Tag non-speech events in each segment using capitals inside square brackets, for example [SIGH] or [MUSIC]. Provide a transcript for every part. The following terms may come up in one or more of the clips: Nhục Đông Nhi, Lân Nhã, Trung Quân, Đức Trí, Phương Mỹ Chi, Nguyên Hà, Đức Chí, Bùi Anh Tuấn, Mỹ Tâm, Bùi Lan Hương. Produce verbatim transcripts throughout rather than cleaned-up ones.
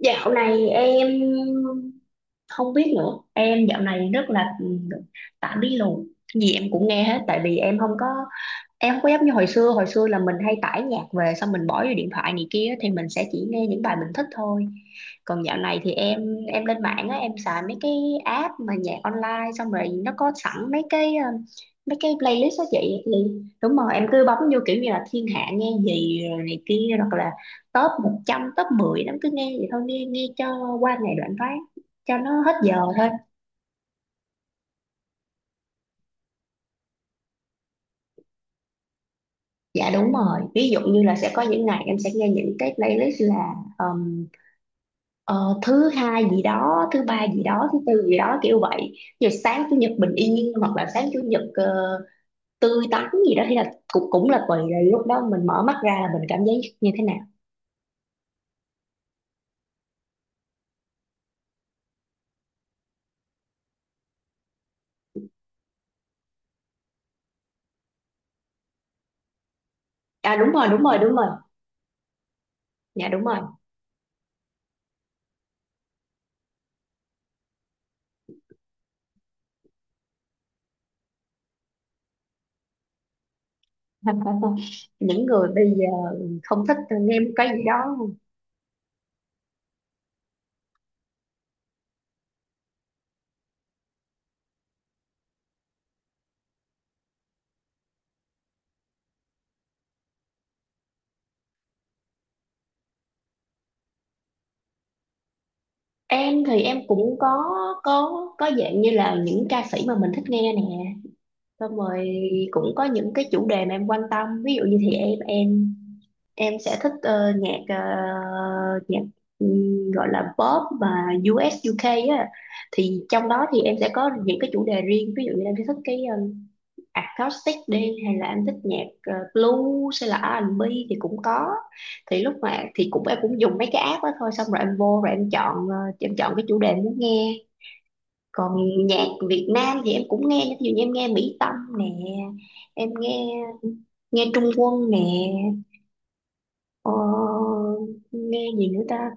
Dạo này em không biết nữa. Em dạo này rất là tạm bí lù. Gì em cũng nghe hết tại vì em không có, em không có giống như hồi xưa. Hồi xưa là mình hay tải nhạc về, xong mình bỏ vô điện thoại này kia thì mình sẽ chỉ nghe những bài mình thích thôi. Còn dạo này thì em em lên mạng á, em xài mấy cái app mà nhạc online, xong rồi nó có sẵn mấy cái ờ, mấy cái playlist đó chị, thì đúng rồi, em cứ bấm vô kiểu như là thiên hạ nghe gì rồi này kia, hoặc là top một trăm, top mười, nó cứ nghe vậy thôi, nghe nghe cho qua ngày đoạn phát, cho nó hết giờ thôi. Dạ đúng rồi, ví dụ như là sẽ có những ngày em sẽ nghe những cái playlist là ờ, thứ hai gì đó, thứ ba gì đó, thứ tư gì đó, kiểu vậy. Giờ sáng chủ nhật bình yên, hoặc là sáng chủ nhật ờ, tươi tắn gì đó, thì là cũng cũng là tùy là lúc đó mình mở mắt ra là mình cảm giác như thế nào. À đúng rồi đúng rồi đúng rồi. Dạ đúng rồi. [LAUGHS] Những người bây giờ không thích nghe một cái gì đó. Em thì em cũng có, có có dạng như là những ca sĩ mà mình thích nghe nè, xong rồi cũng có những cái chủ đề mà em quan tâm. Ví dụ như thì em em em sẽ thích ờ, nhạc, ờ, nhạc, ừm, gọi là pop và diu ét diu kây á, thì trong đó thì em sẽ có những cái chủ đề riêng. Ví dụ như em sẽ thích cái ờ, acoustic đi, hay là em thích nhạc ờ, blues, hay là rờ en bê thì cũng có. Thì lúc mà thì cũng em cũng dùng mấy cái app đó thôi, xong rồi em vô rồi em chọn, ờ, em chọn cái chủ đề em muốn nghe. Còn nhạc Việt Nam thì em cũng nghe, ví dụ như em nghe Mỹ Tâm nè, em nghe nghe Trung Quân nè. Ờ, Nghe gì nữa ta,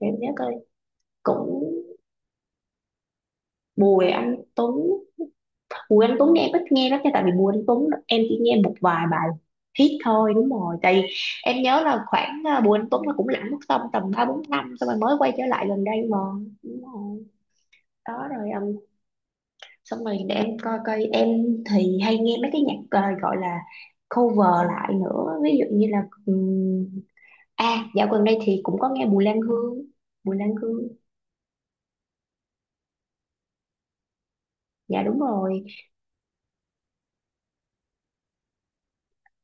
để em nhớ coi. Cũng Bùi Anh Tuấn. Bùi Anh Tuấn nghe em ít nghe lắm nha, tại vì Bùi Anh Tuấn em chỉ nghe một vài bài hit thôi, đúng rồi. Tại vì em nhớ là khoảng à, Bùi Anh Tuấn là cũng lãng mất tầm tầm ba bốn năm, xong rồi mới quay trở lại gần đây mà, đúng rồi. Đó rồi, um, xong rồi để em coi coi. Em thì hay nghe mấy cái nhạc à, gọi là cover lại nữa. Ví dụ như là, um, à, dạo gần đây thì cũng có nghe Bùi Lan Hương. Bùi Lan Hương, dạ đúng rồi.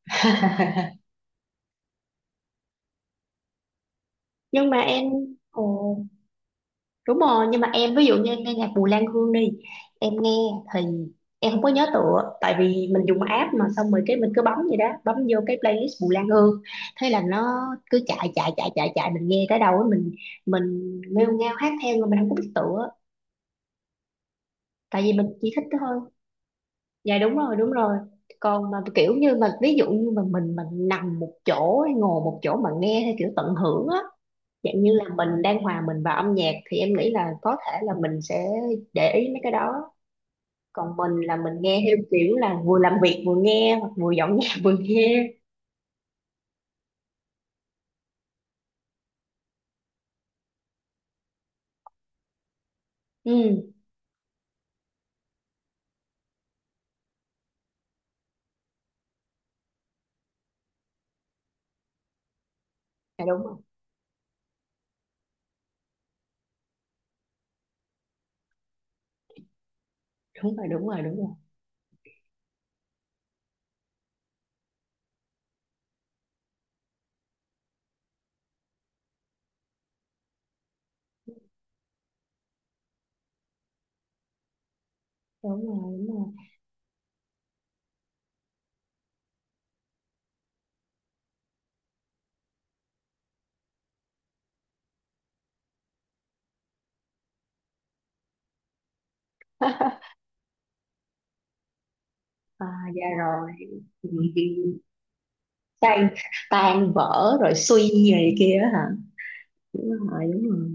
[LAUGHS] Nhưng mà em, ồ đúng rồi. Nhưng mà em, ví dụ như em nghe nhạc Bùi Lan Hương đi, em nghe thì em không có nhớ tựa, tại vì mình dùng app mà, xong rồi cái mình cứ bấm vậy đó, bấm vô cái playlist Bùi Lan Hương, thế là nó cứ chạy chạy chạy chạy chạy, mình nghe tới đâu ấy, mình mình nghêu ngao hát theo mà mình không có biết tựa, tại vì mình chỉ thích thôi. Dạ đúng rồi, đúng rồi. Còn mà kiểu như mà, ví dụ như mà mình mình nằm một chỗ hay ngồi một chỗ mà nghe theo kiểu tận hưởng á, dạng như là mình đang hòa mình vào âm nhạc, thì em nghĩ là có thể là mình sẽ để ý mấy cái đó. Còn mình là mình nghe theo kiểu là vừa làm việc vừa nghe, hoặc vừa dọn nhà [LAUGHS] vừa nghe. Ừ, dạ đúng rồi đúng rồi đúng rồi. Đúng rồi đúng rồi đúng rồi. [LAUGHS] à, dạ rồi. Ừ, tan, tan vỡ rồi suy gì này kia á hả, đúng rồi, đúng rồi.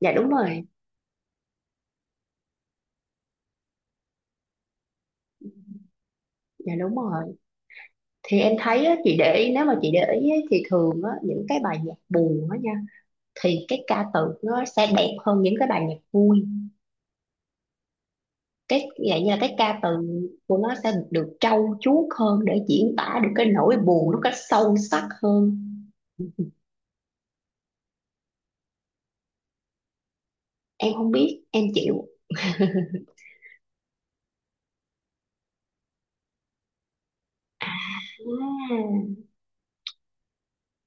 Dạ đúng rồi. Dạ đúng rồi. Thì em thấy á, chị để ý, nếu mà chị để ý á, thì thường á, những cái bài nhạc buồn á nha, thì cái ca từ nó sẽ đẹp hơn những cái bài nhạc vui. Cái vậy như là cái ca từ của nó sẽ được trau chuốt hơn, để diễn tả được cái nỗi buồn nó cách sâu sắc hơn. Em không biết, em chịu. À,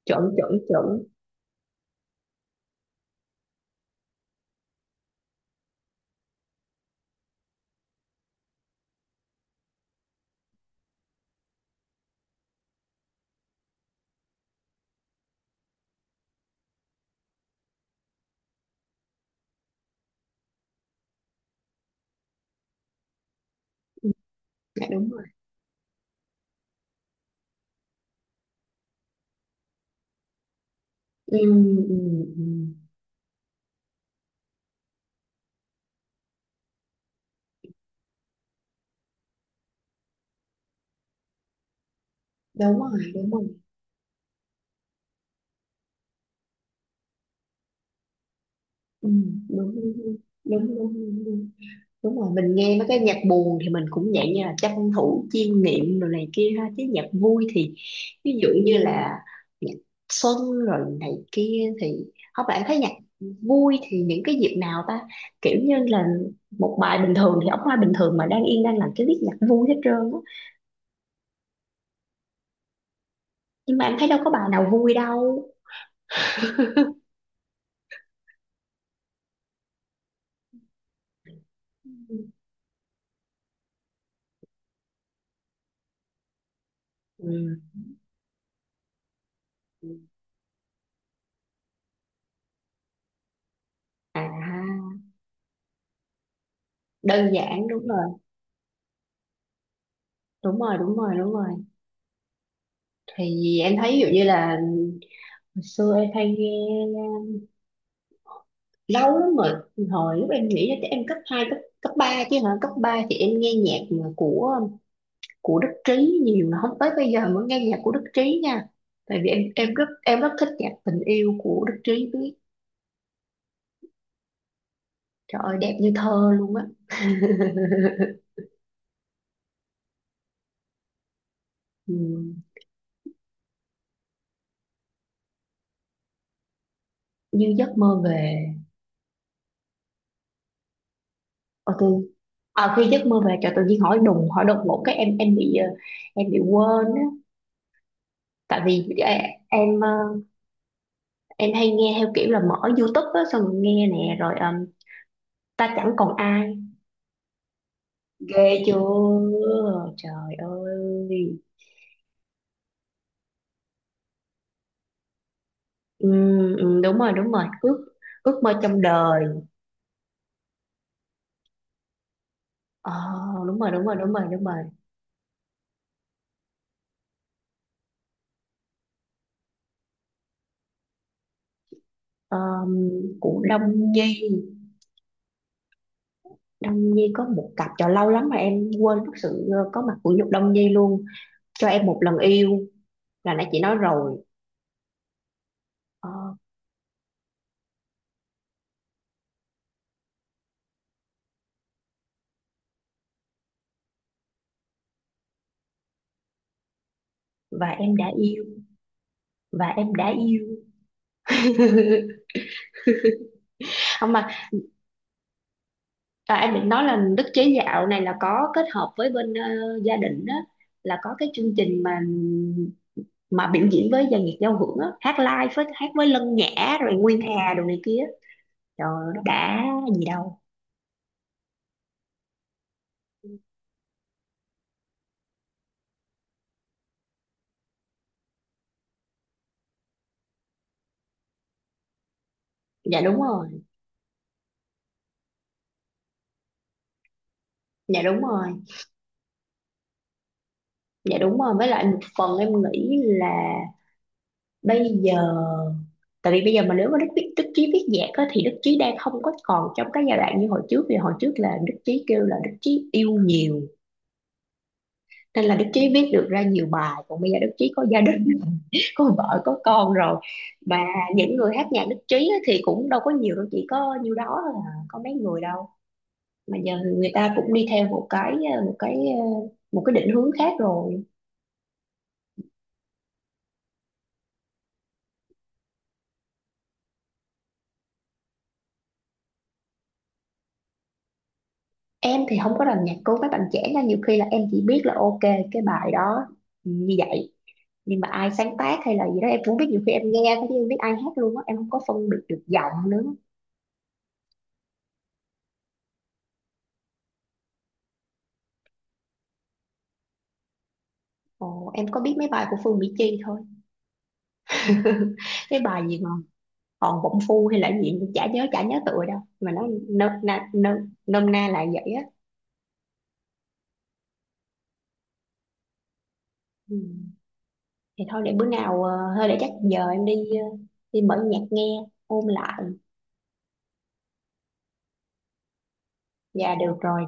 chuẩn chuẩn chuẩn. Ừ. Dạ đúng rồi. Ừ, ừ, ừ. ừ. Đúng rồi, đúng rồi. Ừ, đúng đúng đúng đúng đúng. đúng. Đúng rồi, mình nghe mấy cái nhạc buồn thì mình cũng dạng như là tranh thủ chiêm nghiệm rồi này kia ha, chứ nhạc vui thì, ví dụ như là nhạc xuân rồi này kia thì không. Bạn thấy nhạc vui thì những cái dịp nào ta, kiểu như là một bài bình thường thì ông hoa bình thường mà đang yên đang làm cái viết nhạc vui hết trơn á. Nhưng mà em thấy đâu có bài nào vui đâu. Ừ. À, đơn giản, đúng rồi đúng rồi đúng rồi đúng rồi. Thì em thấy ví dụ như là hồi xưa em hay nghe, lâu lắm rồi, hồi lúc em nghĩ là chắc em cấp hai, cấp cấp ba chứ hả. Cấp ba thì em nghe nhạc mà của của Đức Trí nhiều, mà không, tới bây giờ mới nghe nhạc của Đức Trí nha. Tại vì em em rất, em rất thích nhạc tình yêu của Đức Trí biết. Trời ơi, đẹp như thơ luôn á. [LAUGHS] Ừ, như giấc mơ về. Ờ tôi, à, khi giấc mơ về, trời tự nhiên hỏi đùng hỏi đột ngột cái em em bị, ờ, em bị quên á. Tại vì e- em ờ, em hay nghe theo kiểu là mở YouTube á, xong rồi nghe nè, rồi ờ, ta chẳng còn ai. Ghê chưa, trời ơi. Ừ, ừ, đúng rồi, đúng rồi. Ước, ước mơ trong đời. ờ, đúng rồi đúng rồi đúng rồi đúng rồi. Ờm, của Đông Nhi, Đông Nhi có một cặp, trời lâu lắm mà em quên mất sự ờ, có mặt của Nhục Đông Nhi luôn. Cho em một lần yêu, là nãy chị nói rồi. Ờ, và em đã yêu, và em đã yêu. [LAUGHS] Không mà, à, em định nói là đức chế dạo này là có kết hợp với bên ờ, gia đình đó, là có cái chương trình mà mà biểu diễn với dàn nhạc giao hưởng á, hát live với, hát với Lân Nhã rồi Nguyên Hà đồ này kia. Trời ơi, nó đã gì đâu. Dạ đúng rồi. Dạ đúng rồi. Dạ đúng rồi, với lại một phần em nghĩ là, bây giờ, tại vì bây giờ mà nếu mà Đức viết Đức Chí viết nhạc á, thì Đức Chí đang không có còn trong cái giai đoạn như hồi trước, vì hồi trước là Đức Chí kêu là Đức Chí yêu nhiều, nên là Đức Chí viết được ra nhiều bài. Còn bây giờ Đức Chí có gia đình, có vợ có con rồi. Mà những người hát nhạc đích trí á thì cũng đâu có nhiều đâu, chỉ có nhiêu đó thôi à, có mấy người đâu. Mà giờ người ta cũng đi theo một cái ờ, một cái ờ, một cái định hướng khác rồi. Em thì không có làm nhạc cứu mấy bạn trẻ nha, nhiều khi là em chỉ biết là ok cái bài đó như vậy, nhưng mà ai sáng tác hay là gì đó em cũng biết, nhiều khi em nghe thôi chứ em biết ai hát luôn á, em không có phân biệt được giọng nữa. Ồ, em có biết mấy bài của Phương Mỹ Chi thôi. [LAUGHS] Cái bài gì mà còn bụng phu hay là cái gì, chả nhớ, chả nhớ tựa đâu, mà nó nôm na, nôm, nôm na là vậy á. Ừ. Thì thôi để bữa nào, ờ, thôi để chắc giờ em đi, ờ, đi mở nhạc nghe, ôn lại. Dạ được rồi.